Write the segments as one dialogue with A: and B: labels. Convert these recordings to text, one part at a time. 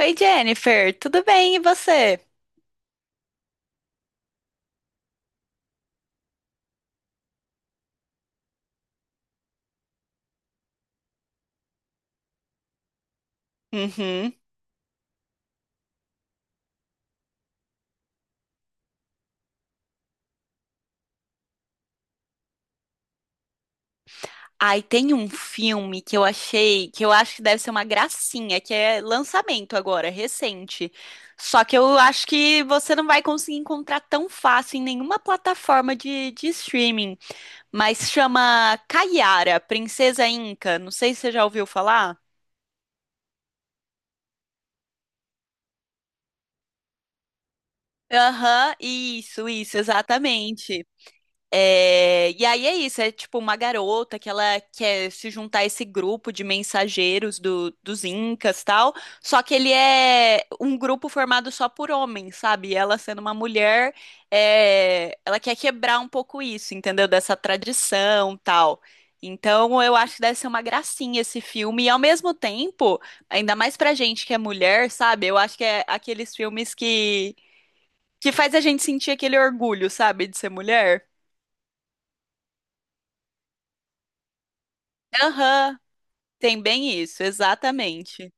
A: Oi, Jennifer, tudo bem? E você? Uhum. Ai, tem um filme que eu achei, que eu acho que deve ser uma gracinha, que é lançamento agora, recente. Só que eu acho que você não vai conseguir encontrar tão fácil em nenhuma plataforma de streaming, mas chama Kaiara, Princesa Inca. Não sei se você já ouviu falar. Aham, isso, exatamente. É, e aí é isso, é tipo uma garota que ela quer se juntar a esse grupo de mensageiros dos Incas tal, só que ele é um grupo formado só por homens, sabe? E ela sendo uma mulher, é, ela quer quebrar um pouco isso, entendeu? Dessa tradição tal. Então eu acho que deve ser uma gracinha esse filme, e ao mesmo tempo, ainda mais pra gente que é mulher, sabe? Eu acho que é aqueles que faz a gente sentir aquele orgulho, sabe, de ser mulher. Aham. Tem bem isso, exatamente.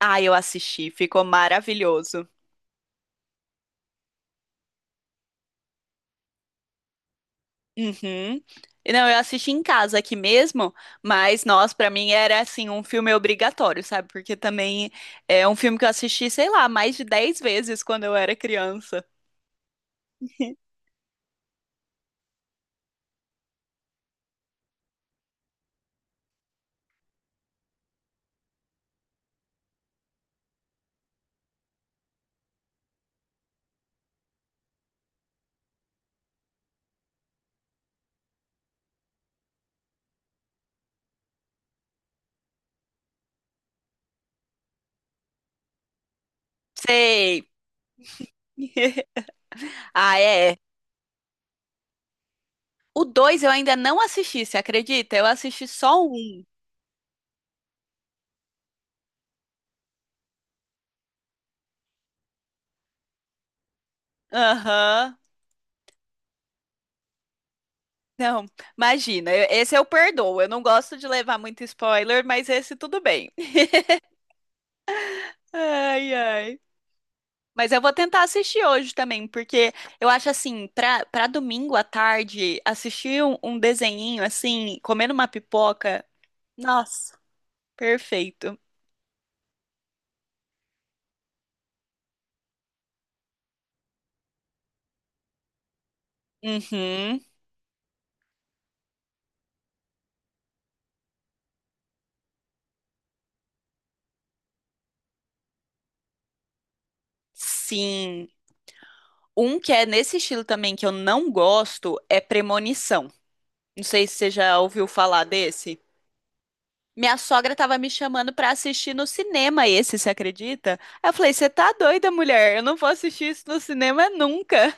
A: Ah, eu assisti, ficou maravilhoso. Uhum. E não, eu assisti em casa aqui mesmo, mas nós, pra mim, era assim, um filme obrigatório, sabe? Porque também é um filme que eu assisti, sei lá, mais de 10 vezes quando eu era criança. Sei. Ah, é. O dois eu ainda não assisti, você acredita? Eu assisti só um. Aham. Não, imagina, esse eu perdoo. Eu não gosto de levar muito spoiler, mas esse tudo bem. Ai, ai. Mas eu vou tentar assistir hoje também, porque eu acho assim, pra domingo à tarde, assistir um desenhinho assim, comendo uma pipoca. Nossa, perfeito. Uhum, sim. Um que é nesse estilo também que eu não gosto é Premonição. Não sei se você já ouviu falar desse. Minha sogra tava me chamando pra assistir no cinema esse, você acredita? Aí eu falei, você tá doida, mulher? Eu não vou assistir isso no cinema nunca.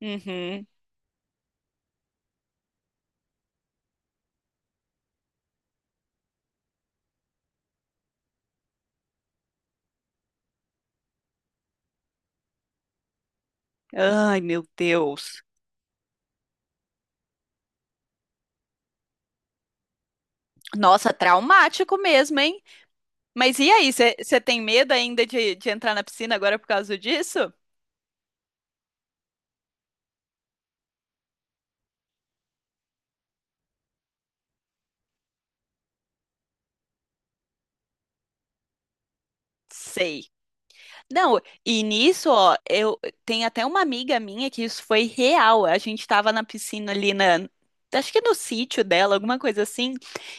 A: Uhum. Ai, meu Deus. Nossa, traumático mesmo, hein? Mas e aí, você tem medo ainda de entrar na piscina agora por causa disso? Sei. Não, e nisso, ó, eu tem até uma amiga minha que isso foi real. A gente tava na piscina ali na, acho que no sítio dela, alguma coisa assim,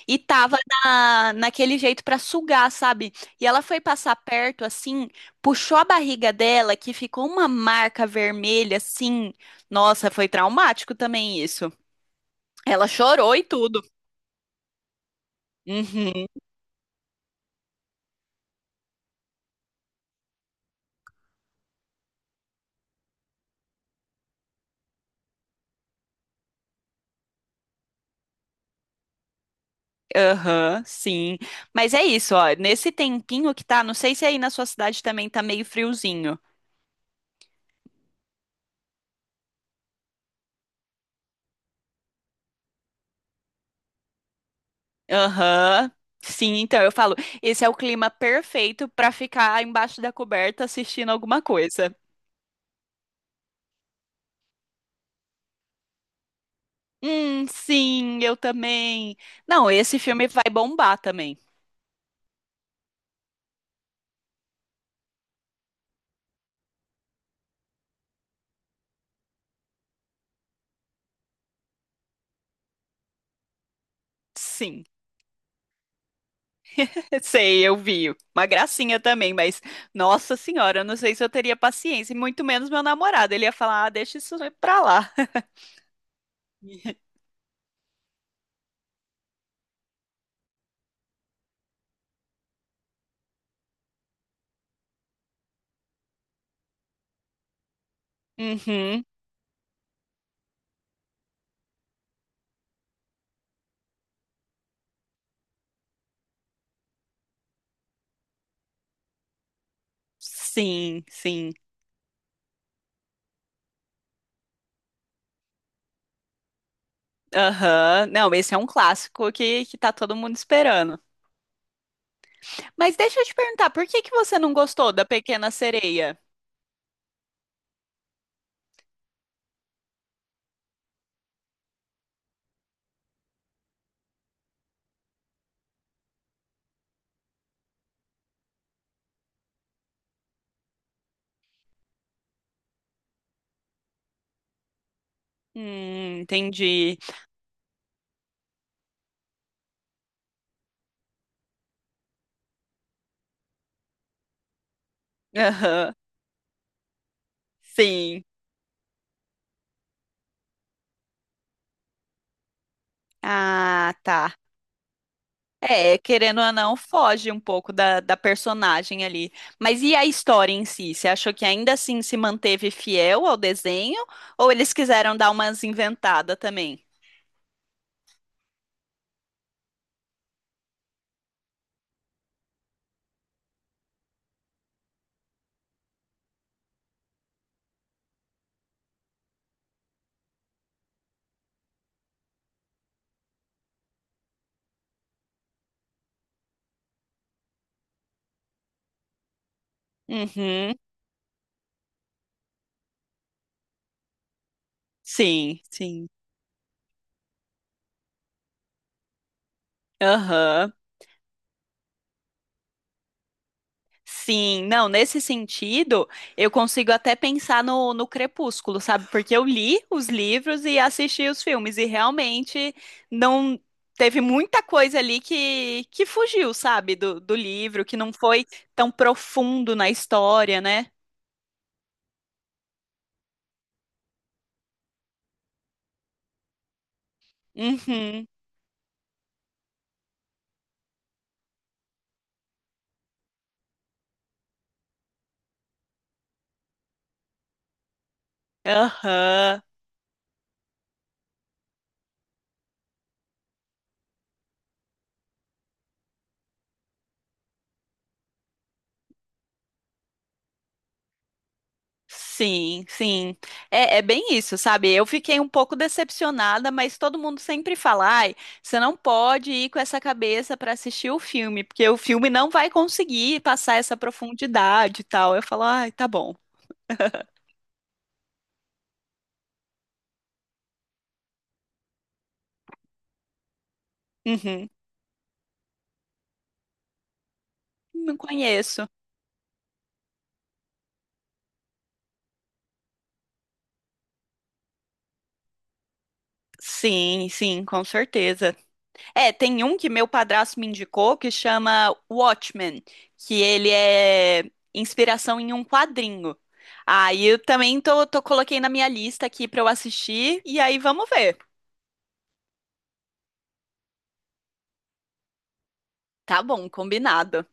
A: e tava naquele jeito pra sugar, sabe? E ela foi passar perto assim, puxou a barriga dela, que ficou uma marca vermelha assim. Nossa, foi traumático também isso. Ela chorou e tudo. Uhum, aham, sim. Mas é isso, ó. Nesse tempinho que tá, não sei se aí na sua cidade também tá meio friozinho. Aham. Sim, então eu falo, esse é o clima perfeito pra ficar embaixo da coberta assistindo alguma coisa. Sim, eu também. Não, esse filme vai bombar também. Sim, sei, eu vi. Uma gracinha também, mas nossa senhora, eu não sei se eu teria paciência, e muito menos meu namorado. Ele ia falar, ah, deixa isso pra lá. Uhum. Sim, sim. Aham. Não, esse é um clássico que tá todo mundo esperando. Mas deixa eu te perguntar, por que que você não gostou da Pequena Sereia? Entendi. Aham, sim. Ah, tá. É, querendo ou não, foge um pouco da personagem ali. Mas e a história em si? Você achou que ainda assim se manteve fiel ao desenho? Ou eles quiseram dar umas inventadas também? Uhum, sim, sim. Aham. Sim, não, nesse sentido, eu consigo até pensar no Crepúsculo, sabe? Porque eu li os livros e assisti os filmes, e realmente não teve muita coisa ali que fugiu, sabe, do livro, que não foi tão profundo na história, né? Uhum. Aham. Sim, sim. É, é bem isso, sabe? Eu fiquei um pouco decepcionada, mas todo mundo sempre fala, ai, você não pode ir com essa cabeça para assistir o filme, porque o filme não vai conseguir passar essa profundidade e tal. Eu falo, ai, tá bom. Uhum. Não conheço. Sim, sim, com certeza. É, tem um que meu padrasto me indicou que chama Watchmen, que ele é inspiração em um quadrinho. Aí eu também tô coloquei na minha lista aqui pra eu assistir e aí vamos ver. Tá bom, combinado.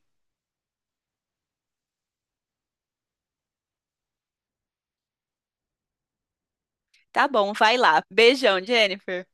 A: Tá bom, vai lá. Beijão, Jennifer.